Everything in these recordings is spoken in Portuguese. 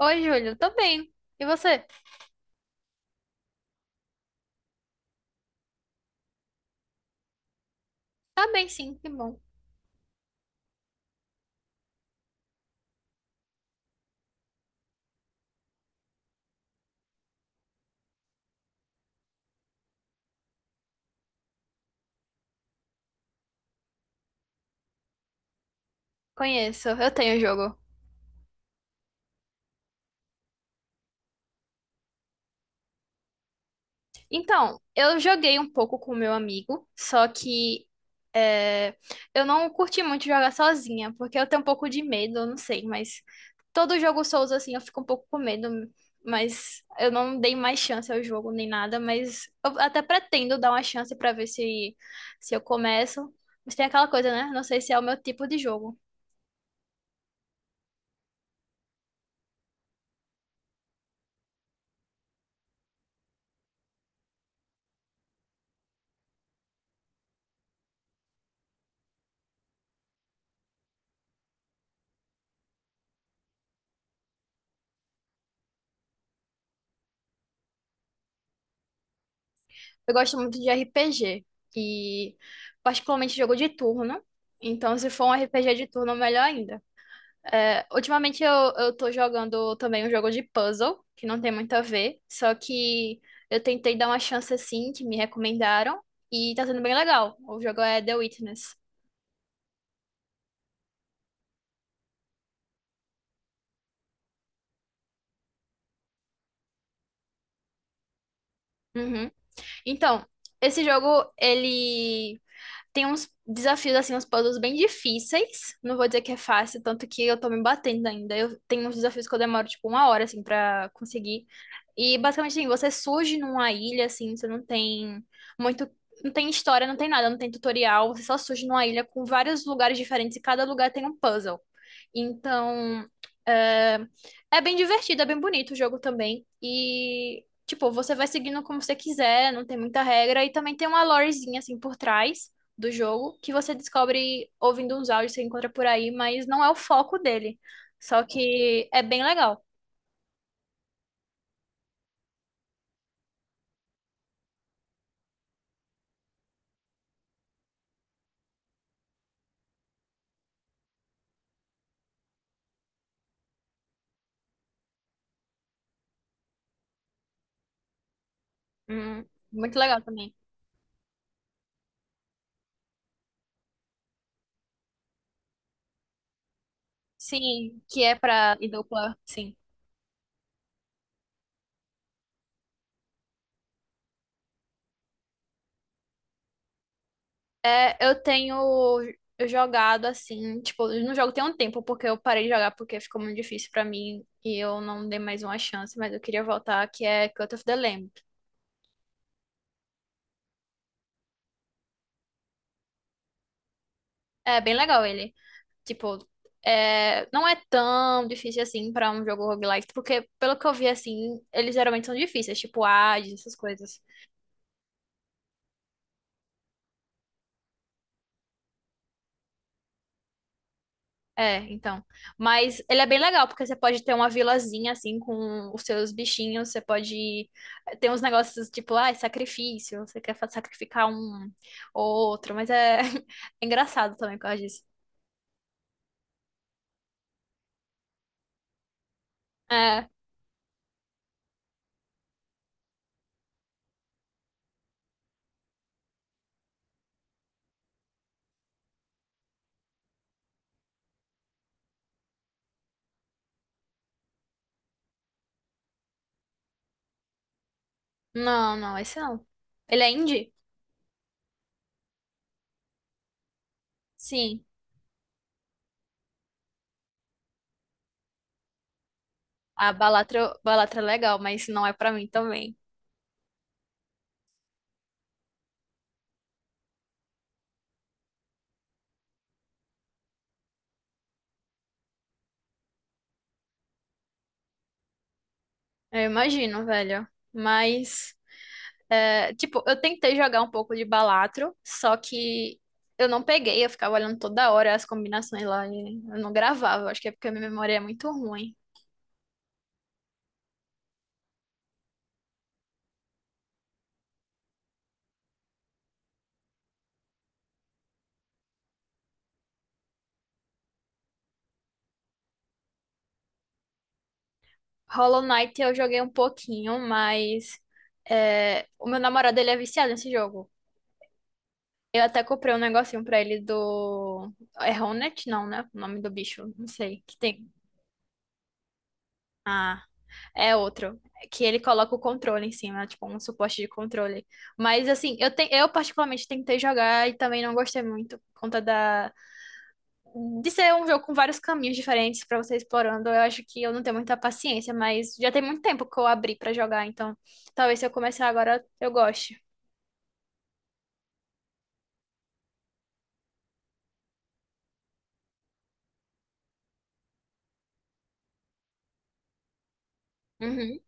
Oi, Júlio, tô bem. E você? Tá bem, sim, que bom. Conheço, eu tenho o jogo. Então, eu joguei um pouco com o meu amigo, só que é, eu não curti muito jogar sozinha, porque eu tenho um pouco de medo, eu não sei, mas todo jogo Souls, assim, eu fico um pouco com medo, mas eu não dei mais chance ao jogo nem nada, mas eu até pretendo dar uma chance pra ver se eu começo. Mas tem aquela coisa, né? Não sei se é o meu tipo de jogo. Eu gosto muito de RPG e particularmente jogo de turno. Então, se for um RPG de turno, melhor ainda. É, ultimamente eu tô jogando também um jogo de puzzle, que não tem muito a ver, só que eu tentei dar uma chance assim, que me recomendaram, e tá sendo bem legal. O jogo é The Witness. Uhum. Então, esse jogo, ele tem uns desafios, assim, uns puzzles bem difíceis. Não vou dizer que é fácil, tanto que eu tô me batendo ainda. Eu tenho uns desafios que eu demoro, tipo, uma hora, assim, pra conseguir. E, basicamente, assim, você surge numa ilha, assim, você não tem muito. Não tem história, não tem nada, não tem tutorial. Você só surge numa ilha com vários lugares diferentes e cada lugar tem um puzzle. Então, é, é bem divertido, é bem bonito o jogo também. E, tipo, você vai seguindo como você quiser, não tem muita regra. E também tem uma lorezinha, assim, por trás do jogo, que você descobre ouvindo uns áudios que você encontra por aí, mas não é o foco dele. Só que é bem legal. Hum, muito legal também. Sim, que é pra ir dupla, sim. É, eu tenho jogado assim, tipo, eu não jogo tem um tempo, porque eu parei de jogar porque ficou muito difícil pra mim e eu não dei mais uma chance, mas eu queria voltar, que é Cut of the Lamb. É bem legal ele. Tipo, é, não é tão difícil assim pra um jogo roguelike, porque pelo que eu vi assim, eles geralmente são difíceis, tipo Hades, essas coisas. É, então. Mas ele é bem legal, porque você pode ter uma vilazinha assim com os seus bichinhos, você pode ter uns negócios tipo, ah, sacrifício, você quer sacrificar um ou outro, mas é, é engraçado também por causa disso. É, não, não, esse não. Ele é indie? Sim. A Balatra, Balatra é legal, mas não é pra mim também. Eu imagino, velho. Mas, é, tipo, eu tentei jogar um pouco de Balatro, só que eu não peguei, eu ficava olhando toda hora as combinações lá e eu não gravava. Acho que é porque a minha memória é muito ruim. Hollow Knight eu joguei um pouquinho, mas é, o meu namorado ele é viciado nesse jogo. Eu até comprei um negocinho pra ele do. É Hornet? Não, né? O nome do bicho, não sei. Que tem. Ah. É outro. Que ele coloca o controle em cima, tipo, um suporte de controle. Mas, assim, eu particularmente tentei jogar e também não gostei muito, por conta da, de ser um jogo com vários caminhos diferentes pra você explorando. Eu acho que eu não tenho muita paciência, mas já tem muito tempo que eu abri pra jogar, então talvez se eu começar agora eu goste. Uhum,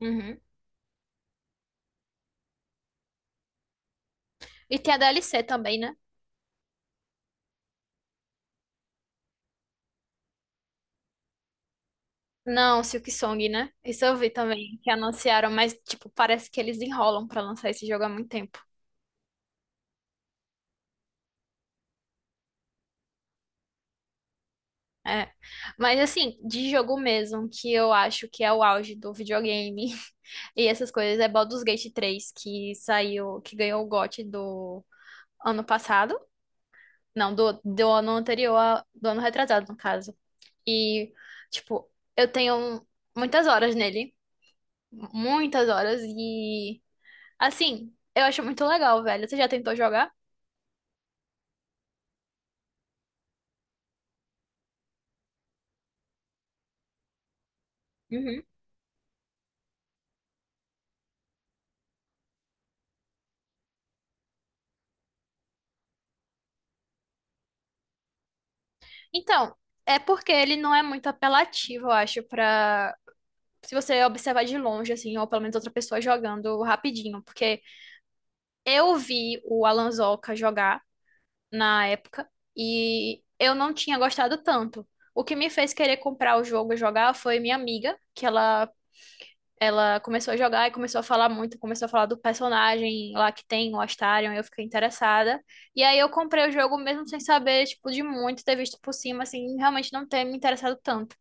uhum. E tem a DLC também, né? Não, Silk Song, né? Isso eu vi também, que anunciaram, mas, tipo, parece que eles enrolam pra lançar esse jogo há muito tempo. É. Mas assim, de jogo mesmo, que eu acho que é o auge do videogame e essas coisas, é Baldur's Gate três que saiu, que ganhou o GOT do ano passado. Não, do ano anterior, do ano retrasado, no caso. E, tipo, eu tenho muitas horas nele. Muitas horas. E, assim, eu acho muito legal, velho. Você já tentou jogar? Uhum. Então, é porque ele não é muito apelativo, eu acho, pra se você observar de longe, assim, ou pelo menos outra pessoa jogando rapidinho, porque eu vi o Alan Alanzoca jogar na época e eu não tinha gostado tanto. O que me fez querer comprar o jogo e jogar foi minha amiga, que ela começou a jogar e começou a falar muito, começou a falar do personagem lá que tem, o Astarion, e eu fiquei interessada. E aí eu comprei o jogo mesmo sem saber, tipo, de muito, ter visto por cima, assim, realmente não ter me interessado tanto,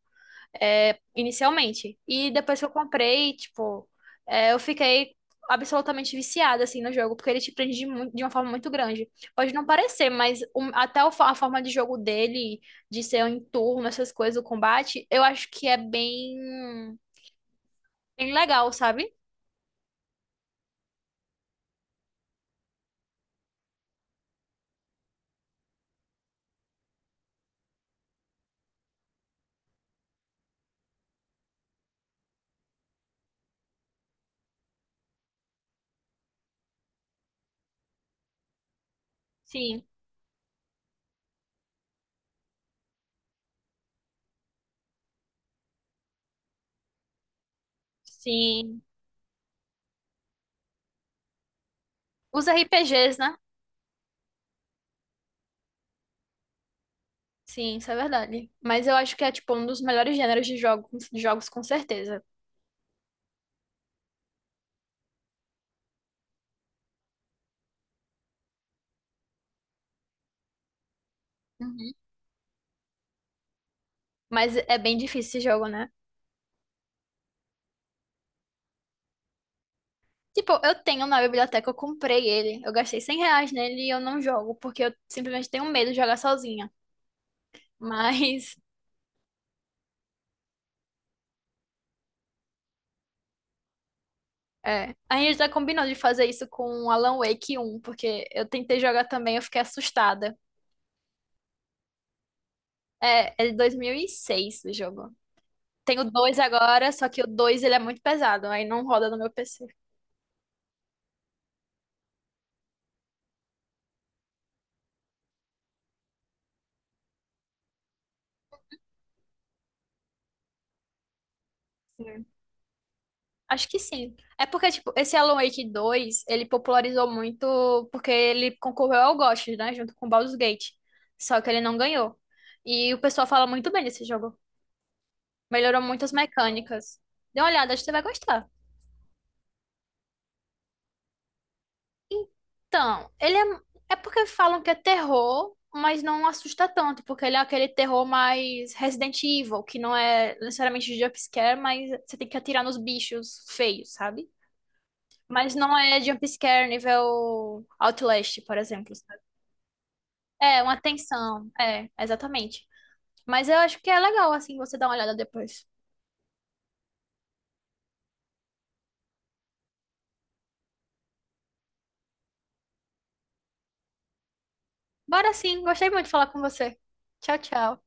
é, inicialmente. E depois que eu comprei, tipo, é, eu fiquei absolutamente viciada, assim, no jogo, porque ele te prende de, de uma forma muito grande. Pode não parecer, mas até a forma de jogo dele, de ser em turno, essas coisas, o combate, eu acho que é bem, bem legal, sabe? Sim, sim. Os RPGs, né? Sim, isso é verdade. Mas eu acho que é, tipo, um dos melhores gêneros de jogos com certeza. Uhum. Mas é bem difícil esse jogo, né? Tipo, eu tenho na biblioteca, eu comprei ele. Eu gastei R$ 100 nele e eu não jogo, porque eu simplesmente tenho medo de jogar sozinha. Mas, é. A gente já combinou de fazer isso com o Alan Wake um porque eu tentei jogar também, eu fiquei assustada. É, é de 2006 o jogo. Tem o 2 agora, só que o 2 ele é muito pesado, aí não roda no meu PC. Acho que sim. É porque, tipo, esse Alan Wake 2 ele popularizou muito porque ele concorreu ao GOTY, né? Junto com Baldur's Gate. Só que ele não ganhou. E o pessoal fala muito bem desse jogo. Melhorou muito as mecânicas. Dê uma olhada, acho que você vai gostar. Então, ele é. É porque falam que é terror, mas não assusta tanto. Porque ele é aquele terror mais Resident Evil, que não é necessariamente jumpscare, mas você tem que atirar nos bichos feios, sabe? Mas não é jumpscare nível Outlast, por exemplo. Sabe? É, uma tensão. É, exatamente. Mas eu acho que é legal, assim, você dar uma olhada depois. Bora sim, gostei muito de falar com você. Tchau, tchau.